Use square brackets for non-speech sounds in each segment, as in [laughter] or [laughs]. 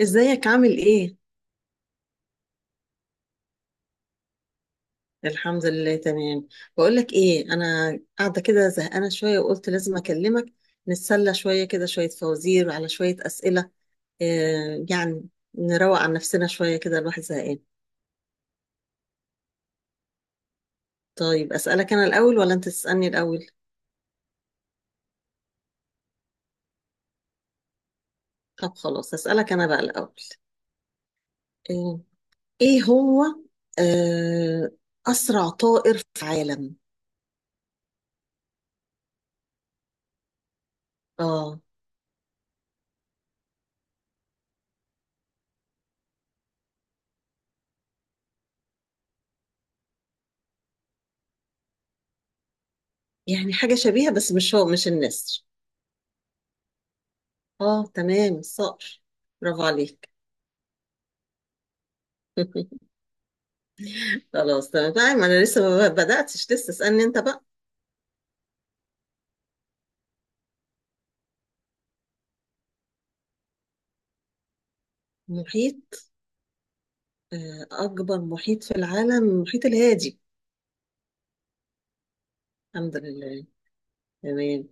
ازيك عامل ايه؟ الحمد لله تمام. بقول لك ايه، انا قاعده كده زهقانه شويه وقلت لازم اكلمك. نتسلى شويه كده، شويه فوازير على شويه اسئله يعني نروق عن نفسنا شويه كده، الواحد زهقان. طيب اسالك انا الاول ولا انت تسالني الاول؟ طب خلاص، اسالك انا بقى الاول. آه ايه هو آه اسرع طائر في العالم؟ اه، يعني حاجه شبيهه بس مش هو، مش النسر. اه تمام، الصقر. برافو عليك. [laughs] خلاص تمام. طيب ما انا لسه ما بدأتش، لسه اسألني انت بقى. محيط. اكبر محيط في العالم المحيط الهادي. الحمد لله. تمام.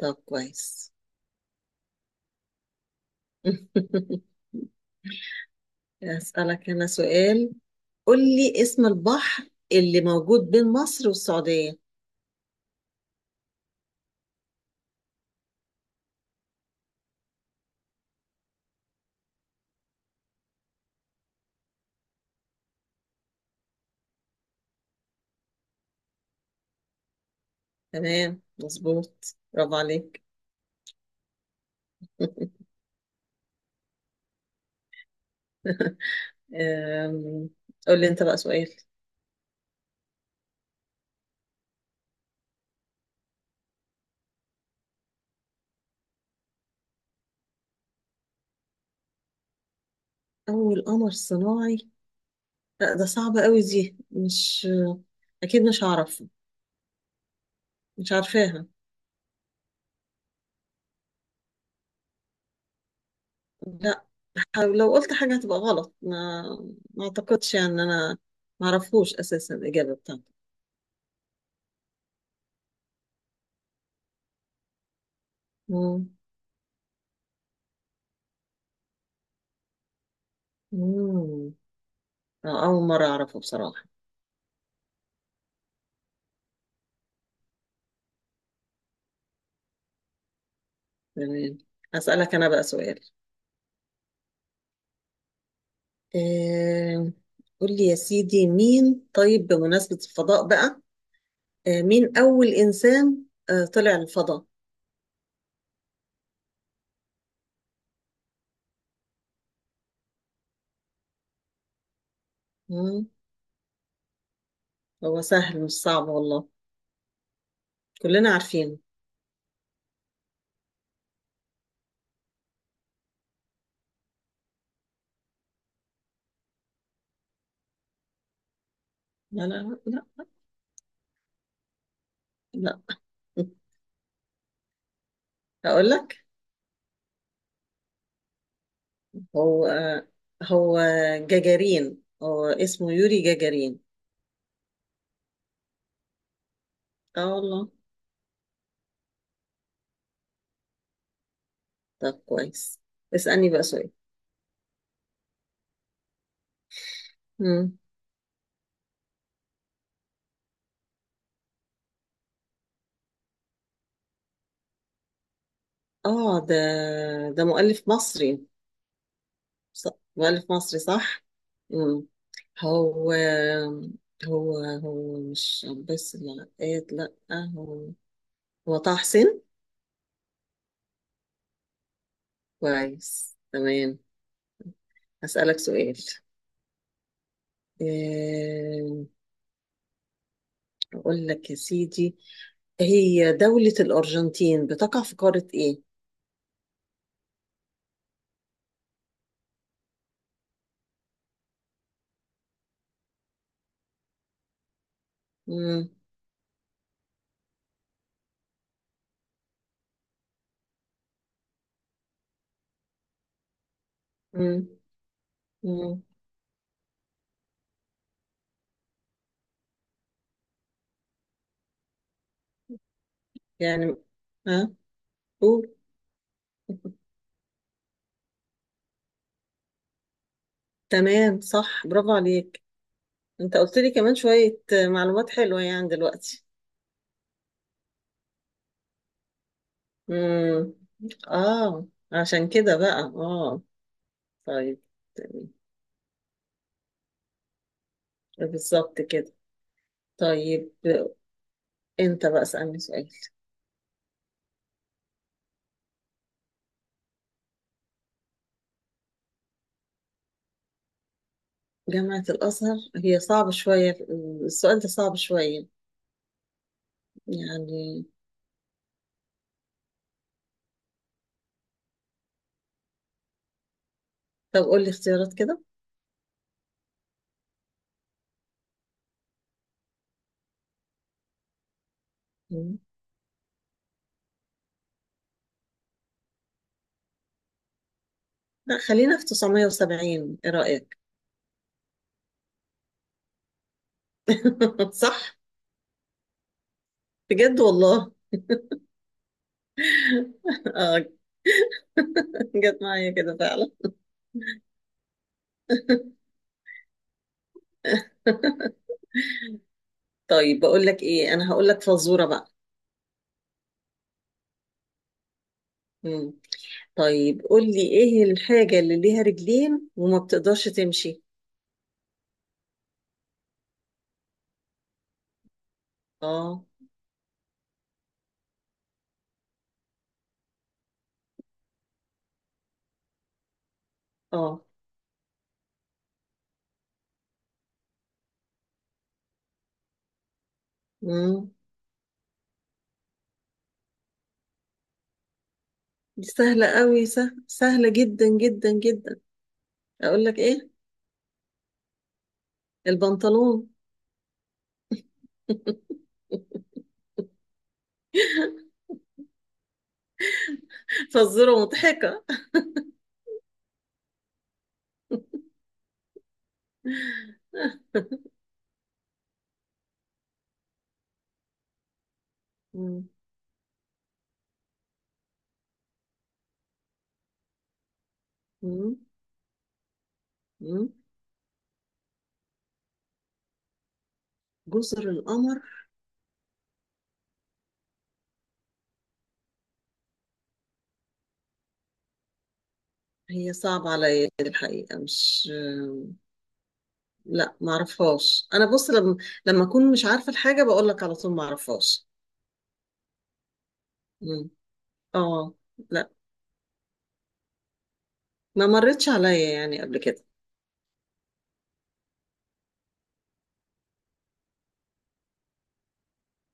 طب كويس. [laughs] اسألك انا سؤال. قول لي اسم البحر اللي موجود بين مصر والسعودية. تمام مظبوط، برافو عليك. [laughs] آم، قول لي انت بقى سؤال. اول قمر صناعي؟ لا ده صعب قوي، دي مش... اكيد مش هعرف. مش عارفاها. لا، لو قلت حاجة هتبقى غلط. ما اعتقدش يعني ان انا ما اعرفوش اساسا الاجابة بتاعته. مم. مم. اول مرة اعرفه بصراحة. تمام. هسألك انا بقى سؤال. آه، قول لي يا سيدي، مين؟ طيب بمناسبة الفضاء بقى، مين اول انسان طلع الفضاء؟ مم. هو سهل مش صعب والله، كلنا عارفينه. لا لا لا لا، هقول لك. هو هو جاجارين، هو اسمه يوري جاجارين. اه والله. طب كويس. اسألني بقى سؤال. مم. اه، ده مؤلف مصري. ص- مؤلف مصري صح. مم. هو هو هو مش بس العقاد، لا. هو هو طه حسين. كويس تمام. هسألك سؤال. آم، أقول لك يا سيدي، هي دولة الأرجنتين بتقع في قارة إيه؟ مم. مم. مم. يعني. ها. قول. تمام صح، برافو عليك. انت قلت لي كمان شوية معلومات حلوة يعني دلوقتي. مم. اه، عشان كده بقى. اه طيب تمام. بالظبط كده. طيب انت بقى اسألني سؤال. جامعة الأزهر هي صعبة شوية، السؤال ده صعب شوية يعني. طب قول لي اختيارات كده. مم. لا، خلينا في 970، ايه رأيك؟ [laughs] صح. بجد والله. اه. [laughs] جت معايا كده فعلا. [laughs] طيب، بقول لك ايه، انا هقول لك فزورة بقى. مم. طيب قول لي ايه الحاجة اللي ليها رجلين وما بتقدرش تمشي؟ اه. اه. مم. دي سهلة قوي، سهلة سهلة جدا جدا جدا. اقول لك ايه؟ البنطلون. [laughs] فزورة مضحكة. [laughs] مم. مم. مم. جزر القمر. هي صعبة عليا الحقيقة، مش... لا معرفهاش. انا بص، لما اكون مش عارفه الحاجه بقول لك على طول معرفهاش. مم. اه. لا، ما مرتش عليا يعني قبل كده.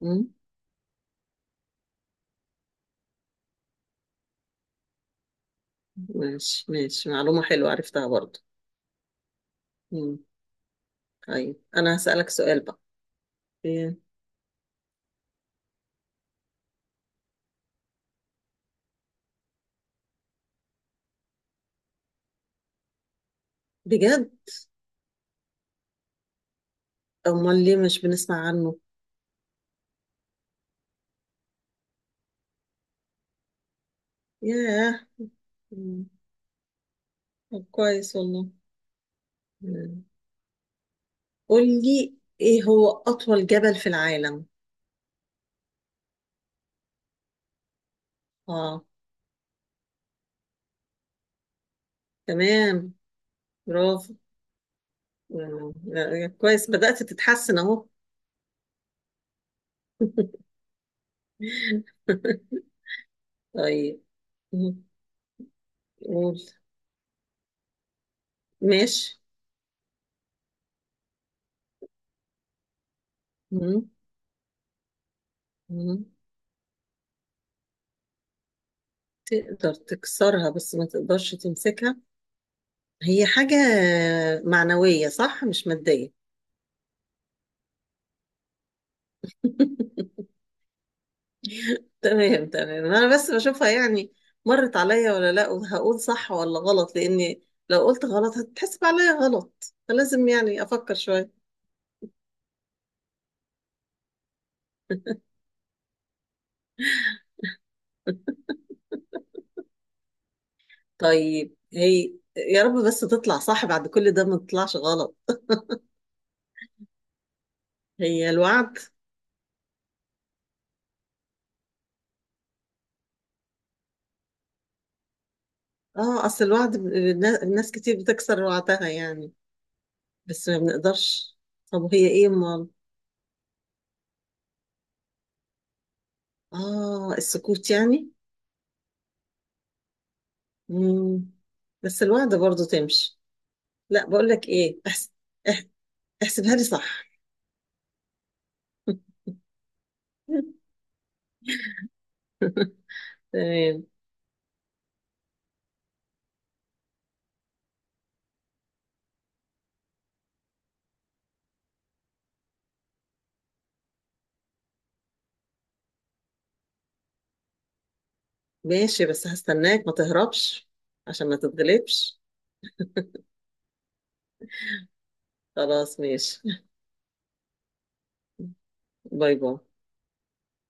مم. ماشي ماشي، معلومه حلوه عرفتها برضو. مم. طيب انا هسألك سؤال بقى. إيه؟ بجد؟ امال ليه مش بنسمع عنه؟ ياه. مم. طب كويس والله. مم. قول لي ايه هو اطول جبل في العالم. اه تمام. برافو. مم. لا، كويس، بدأت تتحسن اهو. [laughs] [laughs] طيب. مم. قول. ماشي. مم. مم. تقدر تكسرها بس ما تقدرش تمسكها؟ هي حاجة معنوية، صح؟ مش مادية. [laughs] تمام تمام، أنا بس بشوفها يعني مرت عليا ولا لا، وهقول صح ولا غلط. لأني لو قلت غلط هتتحسب عليا غلط، فلازم يعني أفكر شوية. طيب، هي يا رب بس تطلع صح بعد كل ده، ما تطلعش غلط. هي الوعد. اه، اصل الوعد الناس كتير بتكسر وعدها يعني. بس ما بنقدرش. طب وهي ايه امال؟ اه، السكوت يعني. مم. بس الوعد برضو تمشي. لا، بقول لك ايه، اح- احسبها لي صح. [laughs] تمام. ماشي، بس هستناك ما تهربش، عشان ما تتغلبش. خلاص ماشي. [laughs] باي باي.